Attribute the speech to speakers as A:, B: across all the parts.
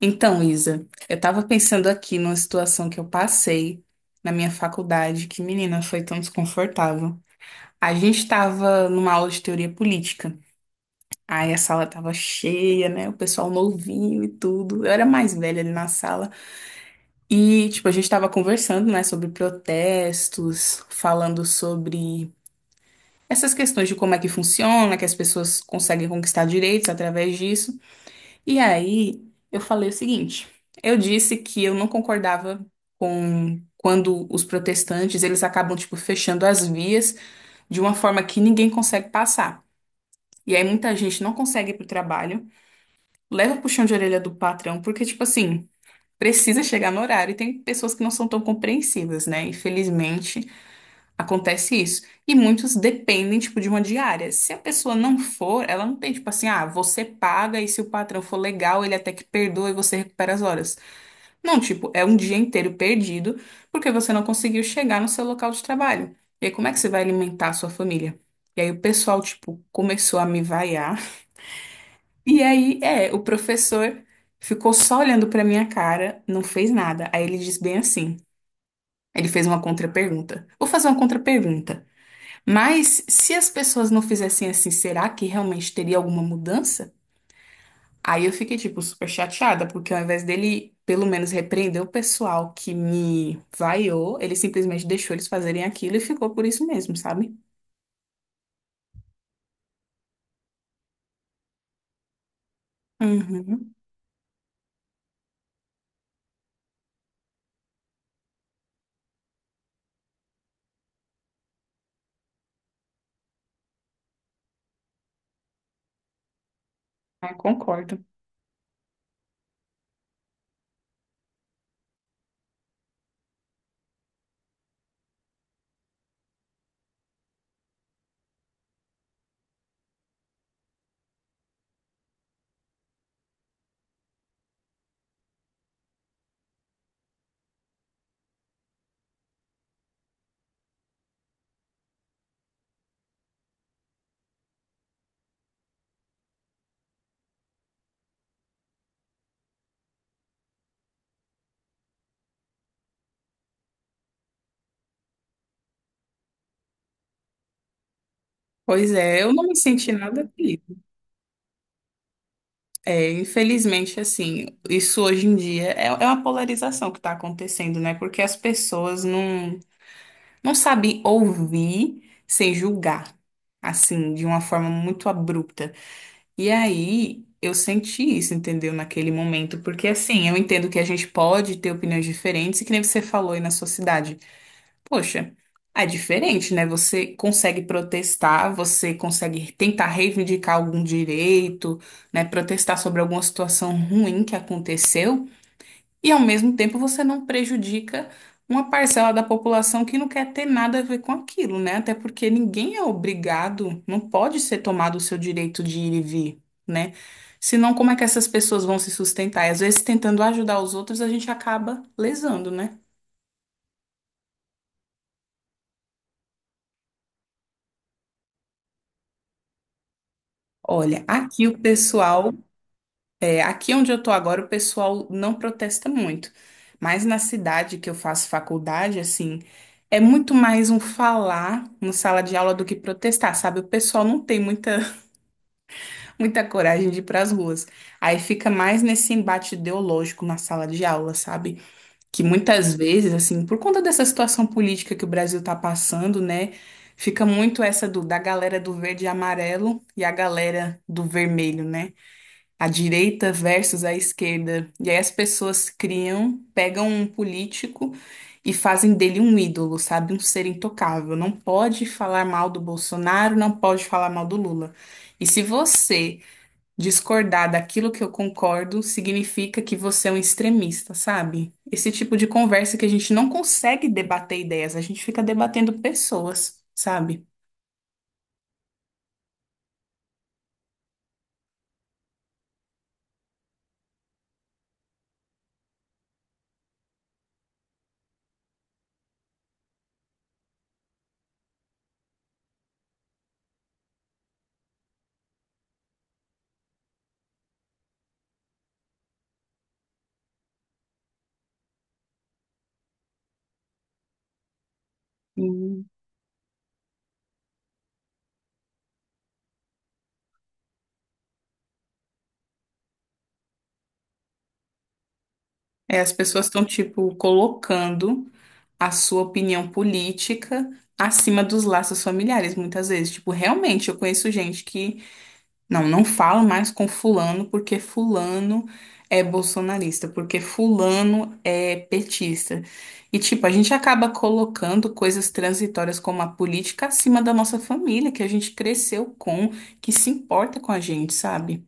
A: Então, Isa, eu tava pensando aqui numa situação que eu passei na minha faculdade, que menina, foi tão desconfortável. A gente tava numa aula de teoria política. Aí a sala tava cheia, né? O pessoal novinho e tudo. Eu era mais velha ali na sala. E, tipo, a gente tava conversando, né, sobre protestos, falando sobre essas questões de como é que funciona, que as pessoas conseguem conquistar direitos através disso. E aí, eu falei o seguinte, eu disse que eu não concordava com quando os protestantes, eles acabam, tipo, fechando as vias de uma forma que ninguém consegue passar. E aí muita gente não consegue ir pro trabalho, leva o puxão de orelha do patrão, porque, tipo assim, precisa chegar no horário e tem pessoas que não são tão compreensivas, né? Infelizmente. Acontece isso. E muitos dependem, tipo, de uma diária. Se a pessoa não for, ela não tem, tipo assim, ah, você paga e se o patrão for legal, ele até que perdoa e você recupera as horas. Não, tipo, é um dia inteiro perdido porque você não conseguiu chegar no seu local de trabalho. E aí, como é que você vai alimentar a sua família? E aí, o pessoal, tipo, começou a me vaiar. E aí, o professor ficou só olhando pra minha cara, não fez nada. Aí ele disse bem assim. Ele fez uma contrapergunta. Vou fazer uma contrapergunta. Mas se as pessoas não fizessem assim, será que realmente teria alguma mudança? Aí eu fiquei, tipo, super chateada, porque ao invés dele, pelo menos, repreender o pessoal que me vaiou, ele simplesmente deixou eles fazerem aquilo e ficou por isso mesmo, sabe? Uhum. Ah, concordo. Pois é, eu não me senti nada feliz. É, infelizmente, assim, isso hoje em dia é uma polarização que está acontecendo, né? Porque as pessoas não. Não sabe ouvir sem julgar, assim, de uma forma muito abrupta. E aí eu senti isso, entendeu? Naquele momento, porque assim, eu entendo que a gente pode ter opiniões diferentes, e que nem você falou aí na sua cidade. Poxa, é diferente, né? Você consegue protestar, você consegue tentar reivindicar algum direito, né? Protestar sobre alguma situação ruim que aconteceu. E ao mesmo tempo você não prejudica uma parcela da população que não quer ter nada a ver com aquilo, né? Até porque ninguém é obrigado, não pode ser tomado o seu direito de ir e vir, né? Senão, como é que essas pessoas vão se sustentar? E às vezes, tentando ajudar os outros, a gente acaba lesando, né? Olha, aqui o pessoal. É, aqui onde eu tô agora, o pessoal não protesta muito. Mas na cidade que eu faço faculdade, assim, é muito mais um falar na sala de aula do que protestar, sabe? O pessoal não tem muita, muita coragem de ir para as ruas. Aí fica mais nesse embate ideológico na sala de aula, sabe? Que muitas vezes, assim, por conta dessa situação política que o Brasil tá passando, né? Fica muito essa da galera do verde e amarelo e a galera do vermelho, né? A direita versus a esquerda. E aí as pessoas criam, pegam um político e fazem dele um ídolo, sabe? Um ser intocável. Não pode falar mal do Bolsonaro, não pode falar mal do Lula. E se você discordar daquilo que eu concordo, significa que você é um extremista, sabe? Esse tipo de conversa que a gente não consegue debater ideias, a gente fica debatendo pessoas, sabe? Sim. É, as pessoas estão, tipo, colocando a sua opinião política acima dos laços familiares, muitas vezes. Tipo, realmente, eu conheço gente que não, não falo mais com fulano porque fulano é bolsonarista, porque fulano é petista. E, tipo, a gente acaba colocando coisas transitórias como a política acima da nossa família, que a gente cresceu com, que se importa com a gente, sabe?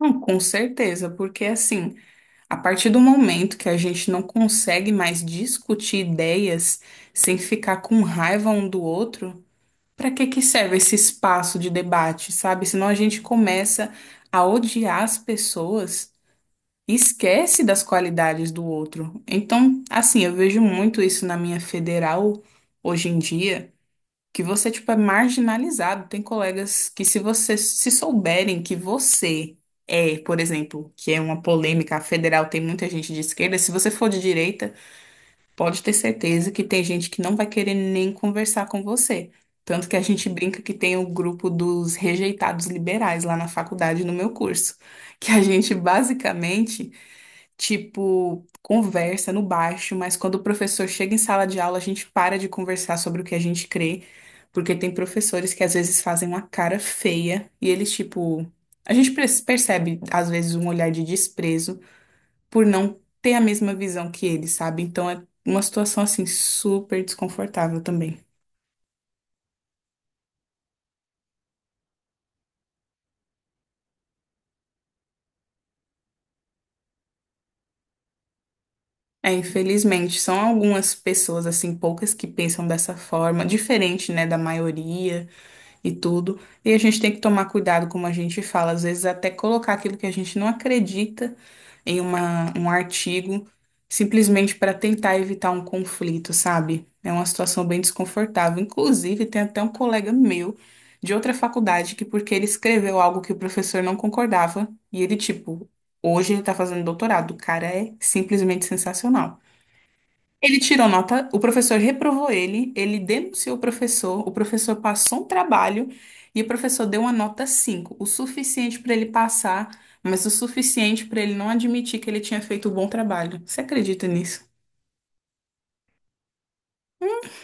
A: Não, com certeza, porque assim. A partir do momento que a gente não consegue mais discutir ideias sem ficar com raiva um do outro, para que que serve esse espaço de debate, sabe? Senão a gente começa a odiar as pessoas e esquece das qualidades do outro. Então, assim, eu vejo muito isso na minha federal hoje em dia que você, tipo, é marginalizado. Tem colegas que, se você se souberem que você é, por exemplo, que é uma polêmica, a federal tem muita gente de esquerda, se você for de direita, pode ter certeza que tem gente que não vai querer nem conversar com você. Tanto que a gente brinca que tem o grupo dos rejeitados liberais lá na faculdade, no meu curso, que a gente basicamente, tipo, conversa no baixo, mas quando o professor chega em sala de aula, a gente para de conversar sobre o que a gente crê, porque tem professores que às vezes fazem uma cara feia e eles, tipo, a gente percebe às vezes um olhar de desprezo por não ter a mesma visão que eles, sabe? Então é uma situação assim super desconfortável também. É, infelizmente, são algumas pessoas, assim, poucas que pensam dessa forma, diferente, né, da maioria. E tudo. E a gente tem que tomar cuidado, como a gente fala, às vezes até colocar aquilo que a gente não acredita em uma, um artigo, simplesmente para tentar evitar um conflito, sabe? É uma situação bem desconfortável. Inclusive, tem até um colega meu de outra faculdade que, porque ele escreveu algo que o professor não concordava, e ele, tipo, hoje ele tá fazendo doutorado. O cara é simplesmente sensacional. Ele tirou nota, o professor reprovou ele, ele denunciou o professor passou um trabalho e o professor deu uma nota 5, o suficiente para ele passar, mas o suficiente para ele não admitir que ele tinha feito um bom trabalho. Você acredita nisso?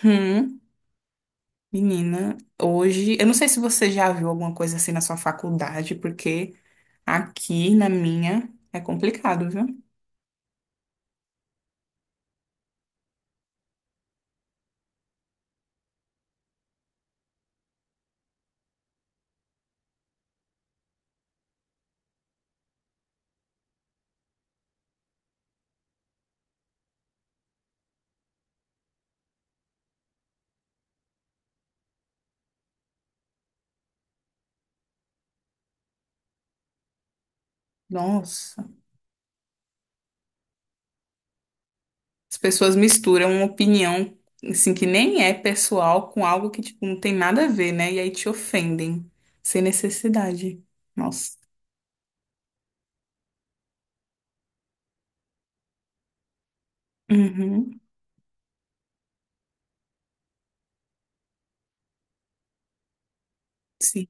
A: Hum, menina, hoje, eu não sei se você já viu alguma coisa assim na sua faculdade, porque aqui na minha é complicado, viu? Nossa. As pessoas misturam uma opinião, assim, que nem é pessoal com algo que, tipo, não tem nada a ver, né? E aí te ofendem, sem necessidade. Nossa. Uhum. Sim,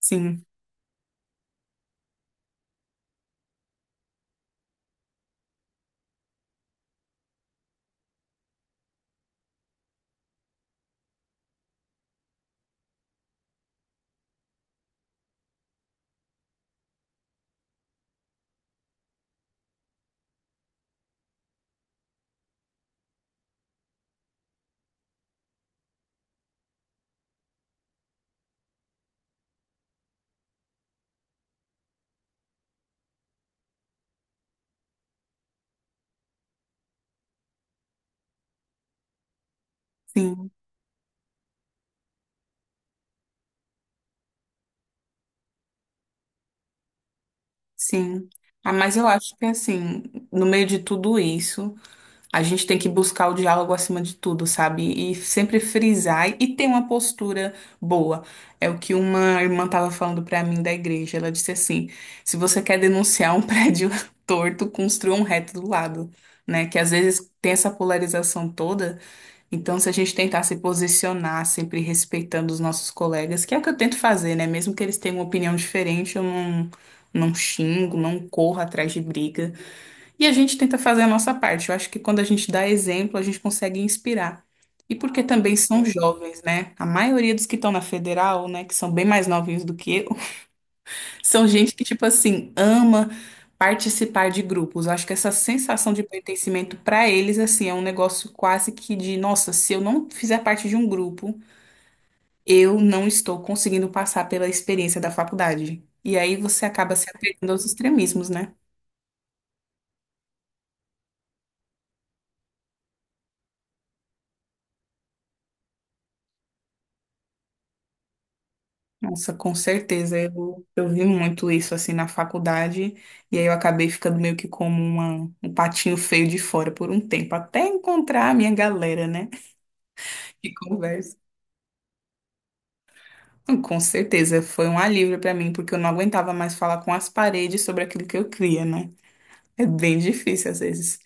A: sim, sim, sim. Ah, mas eu acho que, assim, no meio de tudo isso. A gente tem que buscar o diálogo acima de tudo, sabe? E sempre frisar e ter uma postura boa. É o que uma irmã estava falando para mim da igreja. Ela disse assim: se você quer denunciar um prédio torto, construa um reto do lado, né? Que às vezes tem essa polarização toda. Então, se a gente tentar se posicionar, sempre respeitando os nossos colegas, que é o que eu tento fazer, né? Mesmo que eles tenham uma opinião diferente, eu não, não xingo, não corro atrás de briga. E a gente tenta fazer a nossa parte. Eu acho que quando a gente dá exemplo, a gente consegue inspirar. E porque também são jovens, né? A maioria dos que estão na federal, né, que são bem mais novinhos do que eu, são gente que, tipo assim, ama participar de grupos. Eu acho que essa sensação de pertencimento para eles, assim, é um negócio quase que de, nossa, se eu não fizer parte de um grupo, eu não estou conseguindo passar pela experiência da faculdade. E aí você acaba se apegando aos extremismos, né? Nossa, com certeza. Eu vi muito isso assim na faculdade, e aí eu acabei ficando meio que como uma, um patinho feio de fora por um tempo, até encontrar a minha galera, né? Que conversa. Então, com certeza, foi um alívio pra mim, porque eu não aguentava mais falar com as paredes sobre aquilo que eu cria, né? É bem difícil às vezes.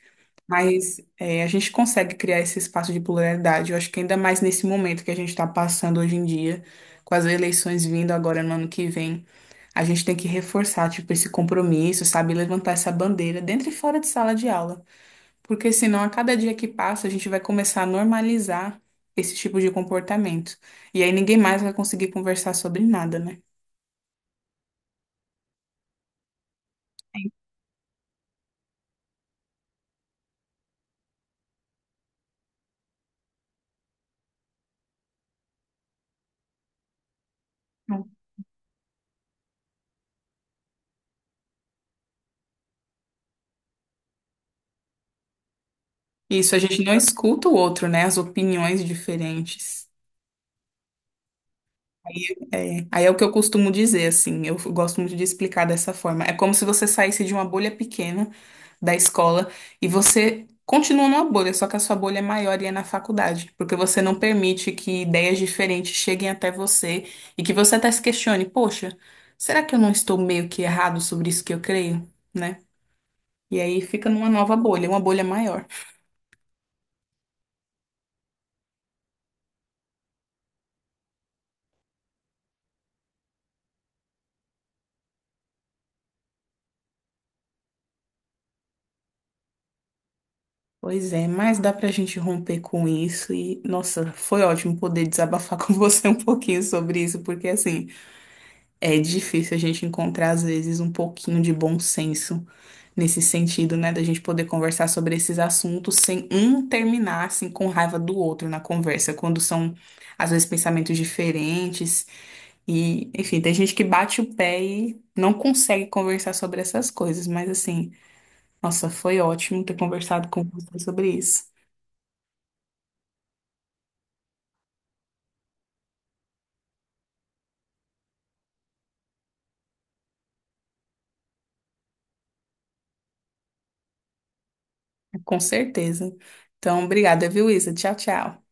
A: Mas é, a gente consegue criar esse espaço de pluralidade. Eu acho que ainda mais nesse momento que a gente está passando hoje em dia, com as eleições vindo agora no ano que vem. A gente tem que reforçar, tipo, esse compromisso, sabe? Levantar essa bandeira dentro e fora de sala de aula. Porque senão, a cada dia que passa, a gente vai começar a normalizar esse tipo de comportamento. E aí ninguém mais vai conseguir conversar sobre nada, né? Não. Isso, a gente não escuta o outro, né? As opiniões diferentes. É, aí é o que eu costumo dizer, assim, eu gosto muito de explicar dessa forma. É como se você saísse de uma bolha pequena da escola e você continua numa bolha, só que a sua bolha é maior e é na faculdade, porque você não permite que ideias diferentes cheguem até você e que você até se questione, poxa, será que eu não estou meio que errado sobre isso que eu creio, né? E aí fica numa nova bolha, uma bolha maior. Pois é, mas dá pra gente romper com isso e, nossa, foi ótimo poder desabafar com você um pouquinho sobre isso, porque assim, é difícil a gente encontrar às vezes um pouquinho de bom senso nesse sentido, né, da gente poder conversar sobre esses assuntos sem um terminar assim com raiva do outro na conversa, quando são às vezes pensamentos diferentes e, enfim, tem gente que bate o pé e não consegue conversar sobre essas coisas, mas assim, nossa, foi ótimo ter conversado com você sobre isso. Com certeza. Então, obrigada, viu, Isa? Tchau, tchau.